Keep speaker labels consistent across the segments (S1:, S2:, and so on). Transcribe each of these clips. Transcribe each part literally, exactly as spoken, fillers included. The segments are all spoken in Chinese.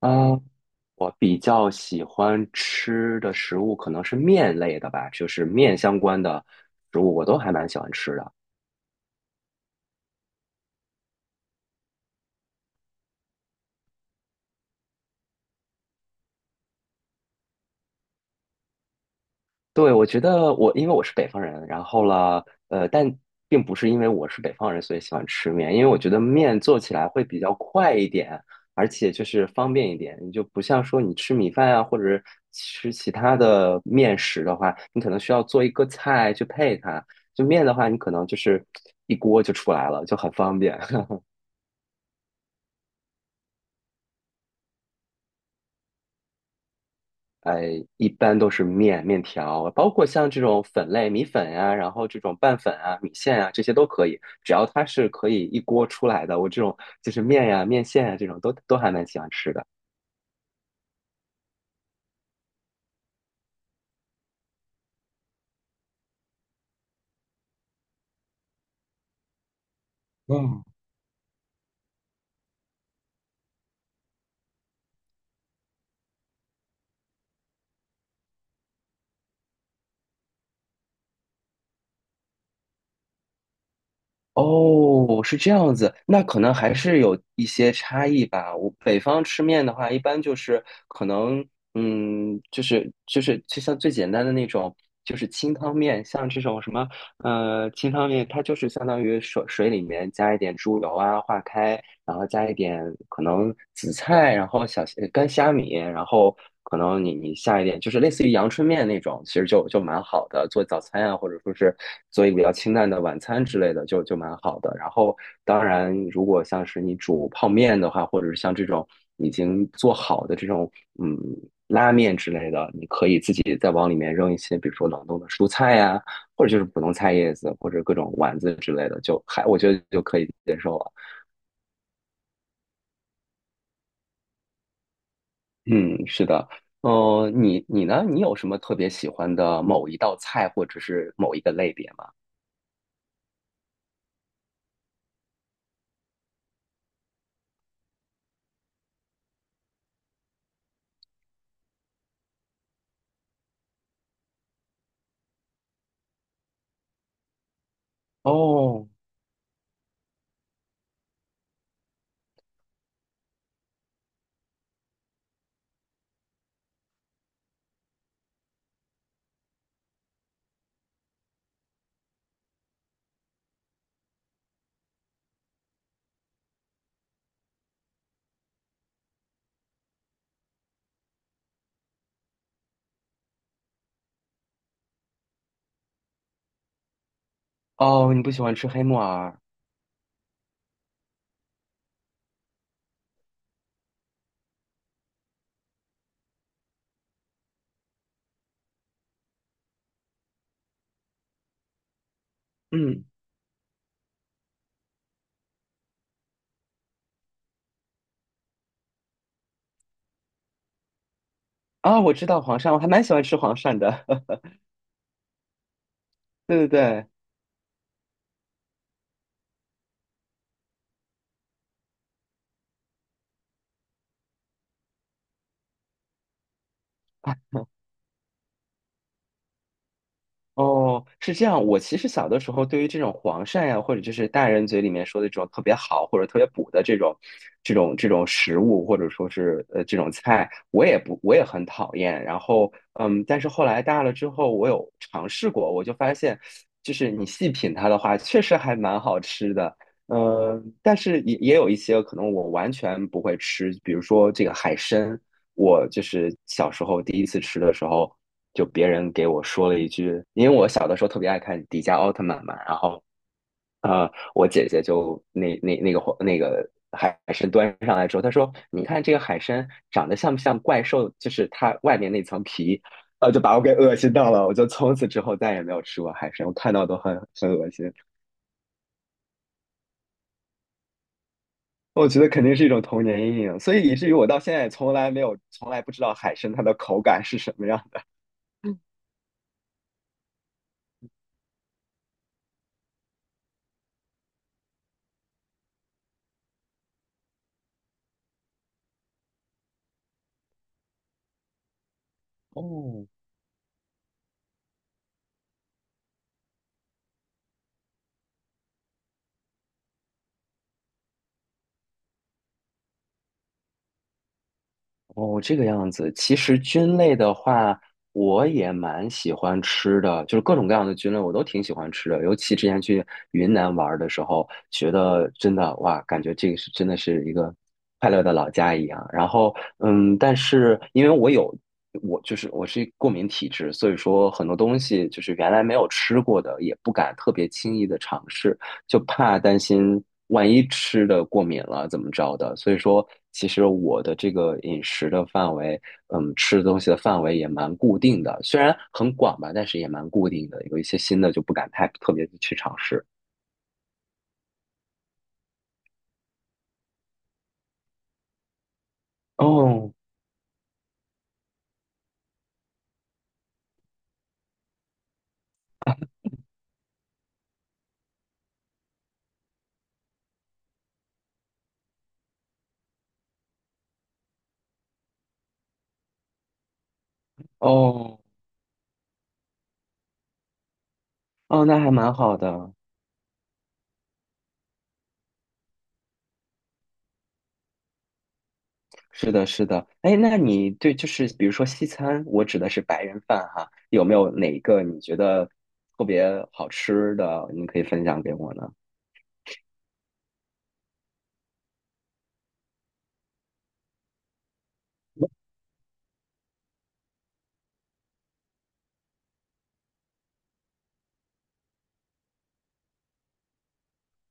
S1: 啊，我比较喜欢吃的食物可能是面类的吧，就是面相关的食物，我都还蛮喜欢吃的。对，我觉得我因为我是北方人，然后了，呃，但并不是因为我是北方人所以喜欢吃面，因为我觉得面做起来会比较快一点，而且就是方便一点。你就不像说你吃米饭啊，或者是吃其他的面食的话，你可能需要做一个菜去配它。就面的话，你可能就是一锅就出来了，就很方便。呃，一般都是面、面条，包括像这种粉类、米粉呀，然后这种拌粉啊、米线啊，这些都可以，只要它是可以一锅出来的，我这种就是面呀、面线啊这种都都还蛮喜欢吃的。哦，是这样子，那可能还是有一些差异吧。我北方吃面的话，一般就是可能，嗯，就是就是就像最简单的那种，就是清汤面，像这种什么呃，清汤面它就是相当于水水里面加一点猪油啊，化开，然后加一点可能紫菜，然后小呃干虾米，然后可能你你下一点就是类似于阳春面那种，其实就就蛮好的，做早餐啊，或者说是做一个比较清淡的晚餐之类的，就就蛮好的。然后当然，如果像是你煮泡面的话，或者是像这种已经做好的这种嗯拉面之类的，你可以自己再往里面扔一些，比如说冷冻的蔬菜呀、或者就是普通菜叶子或者各种丸子之类的，就还我觉得就可以接受了。嗯，是的。哦，你你呢？你有什么特别喜欢的某一道菜或者是某一个类别吗？哦哦，你不喜欢吃黑木耳？嗯啊，我知道黄鳝，我还蛮喜欢吃黄鳝的。对对对。哦，是这样。我其实小的时候，对于这种黄鳝呀、或者就是大人嘴里面说的这种特别好或者特别补的这种、这种、这种食物，或者说是呃这种菜，我也不，我也很讨厌。然后，嗯，但是后来大了之后，我有尝试过，我就发现，就是你细品它的话，确实还蛮好吃的。嗯、但是也也有一些可能我完全不会吃，比如说这个海参。我就是小时候第一次吃的时候，就别人给我说了一句，因为我小的时候特别爱看迪迦奥特曼嘛，然后呃，我姐姐就那那那个那个海参端上来之后，她说："你看这个海参长得像不像怪兽？就是它外面那层皮。"呃，就把我给恶心到了，我就从此之后再也没有吃过海参，我看到都很很恶心。我觉得肯定是一种童年阴影，所以以至于我到现在从来没有从来不知道海参它的口感是什么样的。哦，哦，这个样子。其实菌类的话，我也蛮喜欢吃的，就是各种各样的菌类我都挺喜欢吃的。尤其之前去云南玩儿的时候，觉得真的哇，感觉这个是真的是一个快乐的老家一样。然后，嗯，但是因为我有我就是我是过敏体质，所以说很多东西就是原来没有吃过的，也不敢特别轻易的尝试。就怕担心万一吃的过敏了怎么着的。所以说，其实我的这个饮食的范围，嗯，吃的东西的范围也蛮固定的，虽然很广吧，但是也蛮固定的。有一些新的就不敢太特别的去尝试。哦哦哦，那还蛮好的。是的，是的。哎，那你对就是比如说西餐，我指的是白人饭哈，有没有哪一个你觉得特别好吃的，你可以分享给我呢？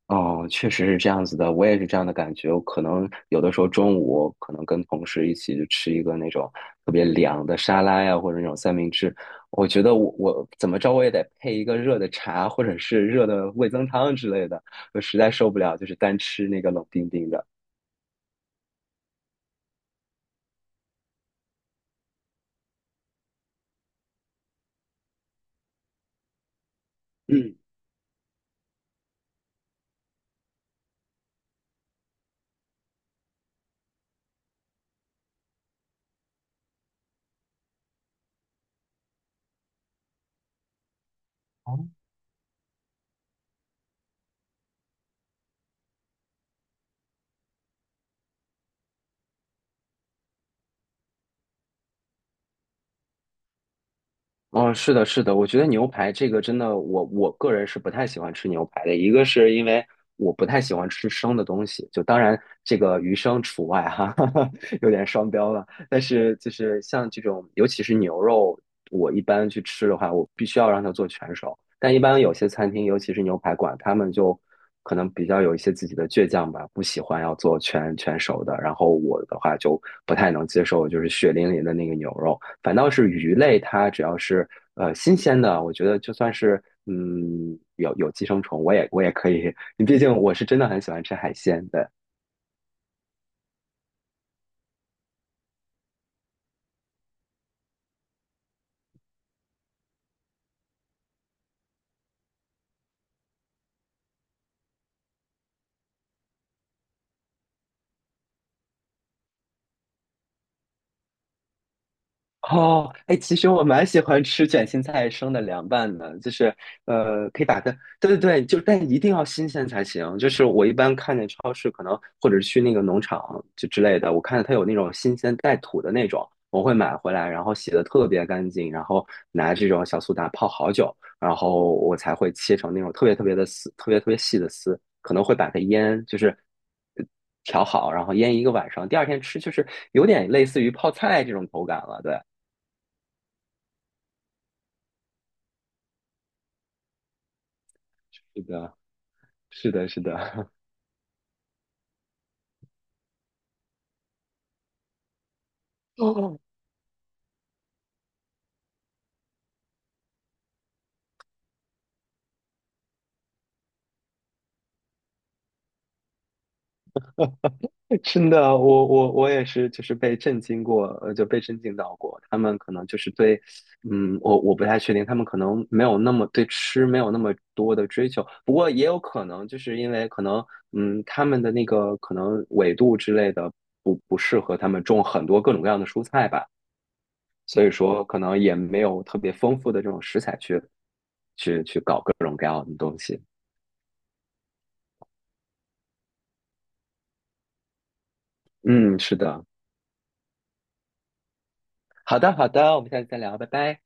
S1: 哦，确实是这样子的，我也是这样的感觉。我可能有的时候中午可能跟同事一起就吃一个那种特别凉的沙拉呀，或者那种三明治。我觉得我我怎么着我也得配一个热的茶，或者是热的味增汤之类的。我实在受不了，就是单吃那个冷冰冰的。嗯。哦哦，是的，是的，我觉得牛排这个真的，我我个人是不太喜欢吃牛排的。一个是因为我不太喜欢吃生的东西，就当然这个鱼生除外哈，有点双标了。但是就是像这种，尤其是牛肉，我一般去吃的话，我必须要让它做全熟。但一般有些餐厅，尤其是牛排馆，他们就可能比较有一些自己的倔强吧，不喜欢要做全全熟的。然后我的话就不太能接受，就是血淋淋的那个牛肉。反倒是鱼类，它只要是呃新鲜的，我觉得就算是嗯有有寄生虫，我也我也可以。毕竟我是真的很喜欢吃海鲜，对。哦，哎，其实我蛮喜欢吃卷心菜生的凉拌的，就是呃，可以把它，对对对，就但一定要新鲜才行。就是我一般看见超市可能或者是去那个农场就之类的，我看到它有那种新鲜带土的那种，我会买回来，然后洗的特别干净，然后拿这种小苏打泡好久，然后我才会切成那种特别特别的丝，特别特别细的丝，可能会把它腌，就是调好，然后腌一个晚上，第二天吃就是有点类似于泡菜这种口感了，对。是的，是的，是的，哦，真的，我我我也是，就是被震惊过，呃，就被震惊到过。他们可能就是对，嗯，我我不太确定，他们可能没有那么对吃没有那么多的追求，不过也有可能就是因为可能，嗯，他们的那个可能纬度之类的不不适合他们种很多各种各样的蔬菜吧，所以说可能也没有特别丰富的这种食材去各种各样的东西。嗯，是的，好的，好的，我们下次再聊，拜拜。